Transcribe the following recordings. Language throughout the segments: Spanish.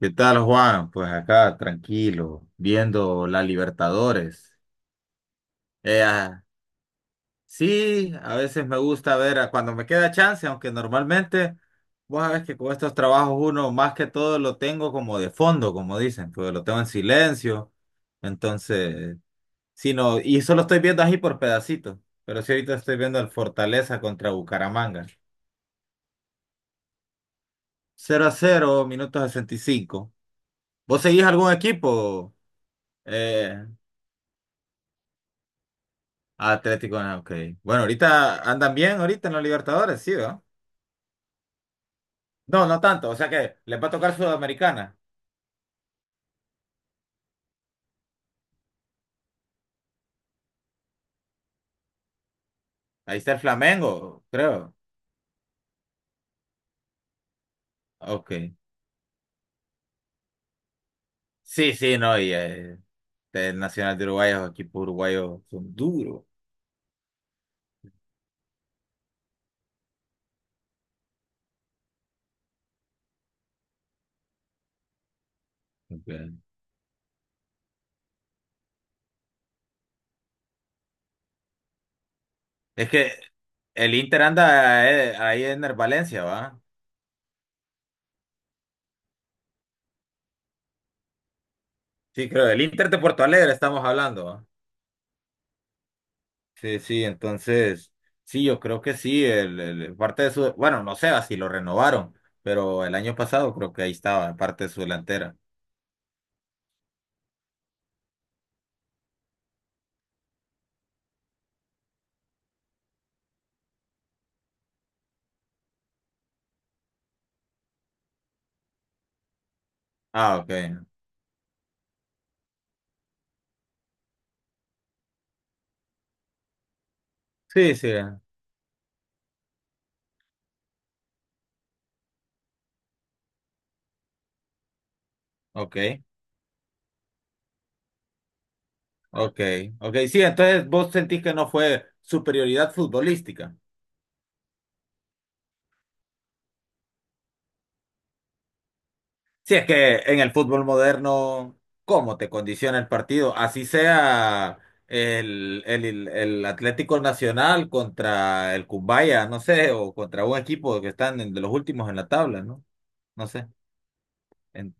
¿Qué tal, Juan? Pues acá, tranquilo, viendo la Libertadores. Eh, ah, sí, a veces me gusta cuando me queda chance, aunque normalmente, vos sabés que con estos trabajos uno más que todo lo tengo como de fondo, como dicen, pues lo tengo en silencio. Entonces, sí, no, y solo estoy viendo así por pedacitos, pero sí ahorita estoy viendo el Fortaleza contra Bucaramanga. Cero a 0, minuto 65. ¿Vos seguís algún equipo? Eh, Ah, Atlético, ok. Bueno, ahorita andan bien, ahorita en los Libertadores, sí, ¿verdad? No, no tanto, o sea que les va a tocar Sudamericana. Ahí está el Flamengo, creo. Ok. Sí, sí, no, el Nacional de Uruguay, los equipos uruguayos son duros. Ok. Es que el Inter anda ahí en el Valencia, ¿va? Sí, creo, el Inter de Porto Alegre estamos hablando. Sí, sí, entonces, sí, yo creo que sí, parte de su, bueno, no sé si lo renovaron, pero el año pasado creo que ahí estaba, parte de su delantera. Ah, ok. Sí, sí, ok, ok, ok, sí, entonces vos sentís que no fue superioridad futbolística. Si es que en el fútbol moderno, ¿cómo te condiciona el partido? Así sea el Atlético Nacional contra el Cumbaya, no sé, o contra un equipo que de los últimos en la tabla, ¿no? No sé. En-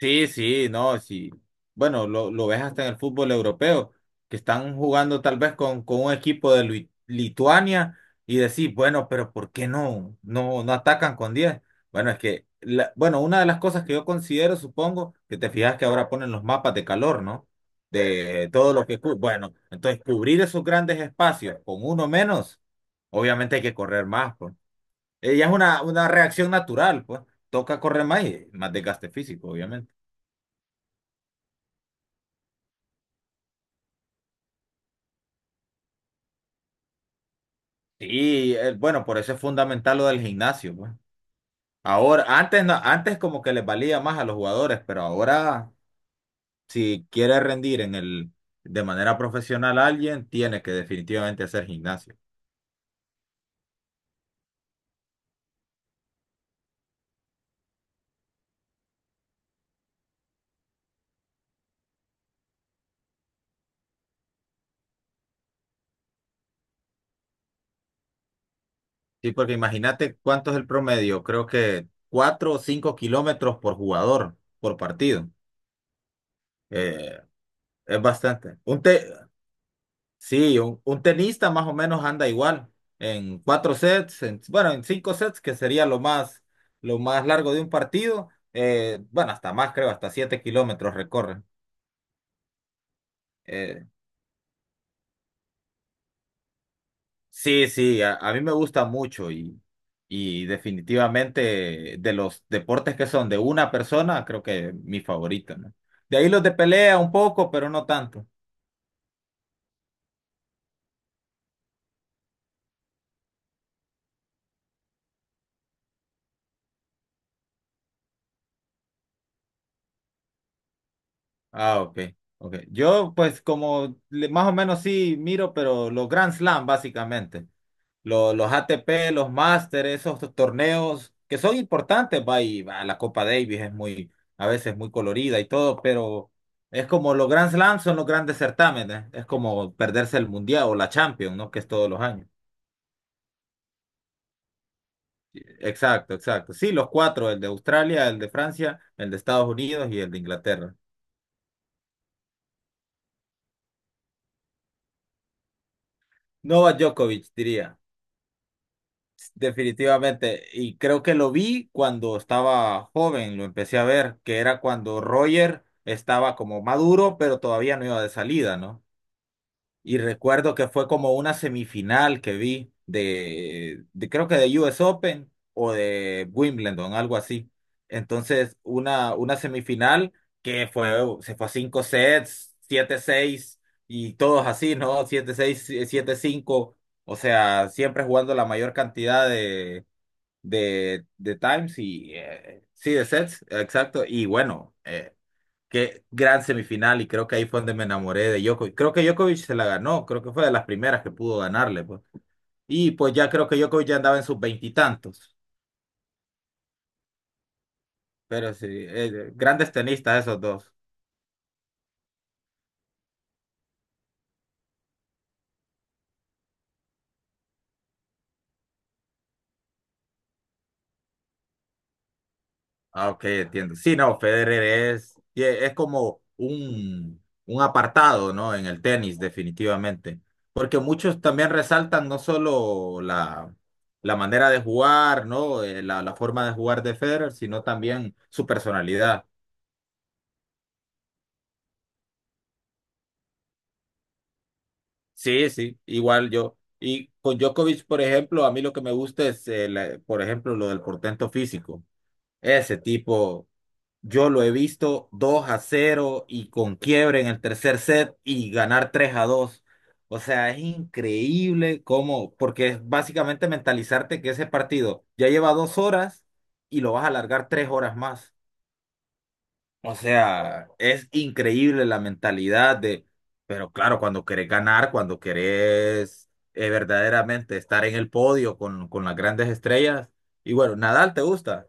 Sí, sí, no, sí. Bueno, lo ves hasta en el fútbol europeo, que están jugando tal vez con un equipo de Lituania y decís, bueno, pero ¿por qué no, no, no atacan con diez? Bueno, es que, bueno, una de las cosas que yo considero, supongo, que te fijas que ahora ponen los mapas de calor, ¿no? De todo lo que... Bueno, entonces cubrir esos grandes espacios con uno menos, obviamente hay que correr más, pues. Ella es una reacción natural, pues. Toca correr más y más desgaste físico, obviamente. Sí, bueno, por eso es fundamental lo del gimnasio, pues. Ahora, antes no, antes como que les valía más a los jugadores, pero ahora si quiere rendir en el de manera profesional a alguien, tiene que definitivamente hacer gimnasio. Sí, porque imagínate cuánto es el promedio, creo que 4 o 5 kilómetros por jugador, por partido. Eh, es bastante. Un te- Sí, un tenista más o menos anda igual, en 4 sets, bueno, en 5 sets, que sería lo más largo de un partido, bueno, hasta más creo, hasta 7 kilómetros recorren. Eh, sí, sí, a mí me gusta mucho y definitivamente de los deportes que son de una persona, creo que mi favorito, ¿no? De ahí los de pelea un poco, pero no tanto. Ah, ok. Ok. Yo pues más o menos sí miro, pero los Grand Slam básicamente. Los ATP, los Masters, esos torneos que son importantes, va, y va, la Copa Davis es muy, a veces muy colorida y todo, pero es como los Grand Slams son los grandes certámenes, es como perderse el Mundial o la Champions, ¿no? Que es todos los años. Exacto, exacto. Sí, los cuatro, el de Australia, el de Francia, el de Estados Unidos y el de Inglaterra. Novak Djokovic, diría. Definitivamente, y creo que lo vi cuando estaba joven, lo empecé a ver, que era cuando Roger estaba como maduro, pero todavía no iba de salida, ¿no? Y recuerdo que fue como una semifinal que vi de creo que de US Open o de Wimbledon, algo así. Entonces, una semifinal que fue, se fue a 5 sets, siete, seis, y todos así, ¿no? Siete, seis, siete, cinco. O sea, siempre jugando la mayor cantidad de de Times y sí, de Sets, exacto. Y bueno, qué gran semifinal y creo que ahí fue donde me enamoré de Djokovic. Creo que Djokovic se la ganó, creo que fue de las primeras que pudo ganarle, pues. Y pues ya creo que Djokovic ya andaba en sus veintitantos, pero sí, grandes tenistas esos dos. Ah, ok, entiendo. Sí, no, Federer es, y es como un apartado, ¿no? En el tenis, definitivamente. Porque muchos también resaltan no solo la, la manera de jugar, ¿no? La forma de jugar de Federer, sino también su personalidad. Sí, sí, igual yo. Y con Djokovic, por ejemplo, a mí lo que me gusta es, por ejemplo, lo del portento físico. Ese tipo. Yo lo he visto 2 a cero y con quiebre en el tercer set y ganar 3 a dos. O sea, es increíble cómo, porque es básicamente mentalizarte que ese partido ya lleva 2 horas y lo vas a alargar 3 horas más. O sea, es increíble la mentalidad de, pero claro, cuando querés ganar, cuando querés verdaderamente estar en el podio con las grandes estrellas. Y bueno, Nadal, ¿te gusta?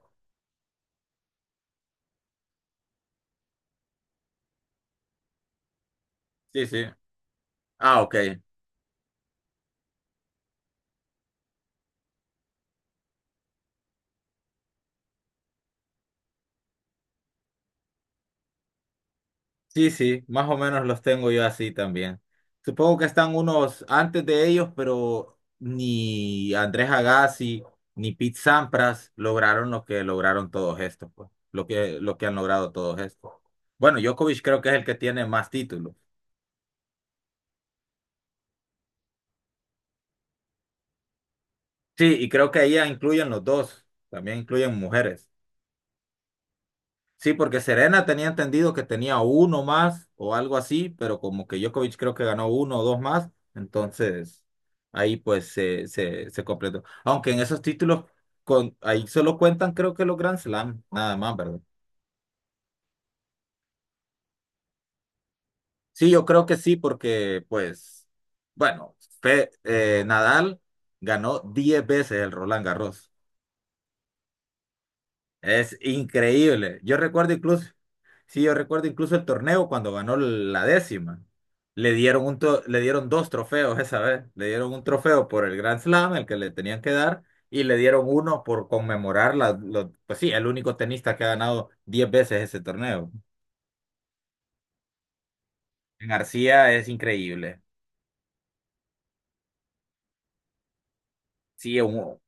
Sí, sí. Ah, ok. Sí, sí, más o menos los tengo yo así también. Supongo que están unos antes de ellos, pero ni Andrés Agassi ni Pete Sampras lograron lo que lograron todos estos, pues, lo que han logrado todos estos. Bueno, Djokovic creo que es el que tiene más títulos. Sí, y creo que ahí ya incluyen los dos, también incluyen mujeres. Sí, porque Serena tenía entendido que tenía uno más o algo así, pero como que Djokovic creo que ganó uno o dos más, entonces ahí pues se completó. Aunque en esos títulos con, ahí solo cuentan creo que los Grand Slam, nada más, ¿verdad? Sí, yo creo que sí, porque pues, bueno, Nadal ganó 10 veces el Roland Garros. Es increíble. Yo recuerdo incluso, sí, yo recuerdo incluso el torneo cuando ganó la décima. Le dieron le dieron dos trofeos esa vez. Le dieron un trofeo por el Grand Slam, el que le tenían que dar, y le dieron uno por conmemorar pues sí, el único tenista que ha ganado 10 veces ese torneo. García es increíble. Sí,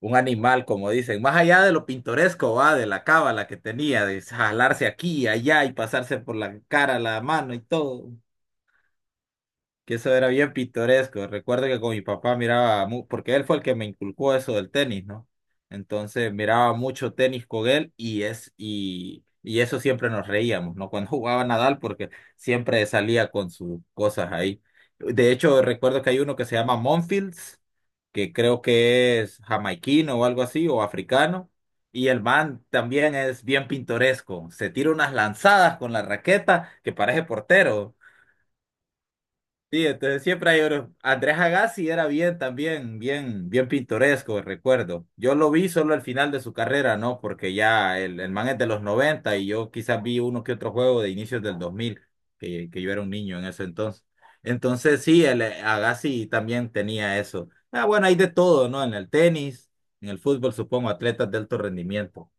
un animal, como dicen. Más allá de lo pintoresco, va, de la cábala que tenía, de jalarse aquí y allá y pasarse por la cara, la mano y todo, que eso era bien pintoresco. Recuerdo que con mi papá miraba, porque él fue el que me inculcó eso del tenis, ¿no? Entonces miraba mucho tenis con él y es y eso siempre nos reíamos, ¿no? Cuando jugaba Nadal, porque siempre salía con sus cosas ahí. De hecho, recuerdo que hay uno que se llama Monfils, que creo que es jamaiquino o algo así, o africano. Y el man también es bien pintoresco. Se tira unas lanzadas con la raqueta que parece portero. Sí, entonces siempre hay oro. Andrés Agassi era bien también, bien, bien pintoresco, recuerdo. Yo lo vi solo al final de su carrera, ¿no? Porque ya el man es de los 90 y yo quizás vi uno que otro juego de inicios del dos mil, que yo era un niño en ese entonces. Entonces sí, el Agassi también tenía eso. Ah, bueno, hay de todo, ¿no? En el tenis, en el fútbol, supongo, atletas de alto rendimiento.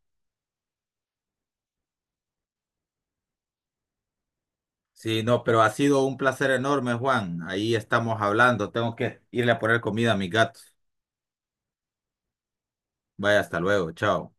Sí, no, pero ha sido un placer enorme, Juan. Ahí estamos hablando. Tengo que irle a poner comida a mis gatos. Vaya, hasta luego, chao.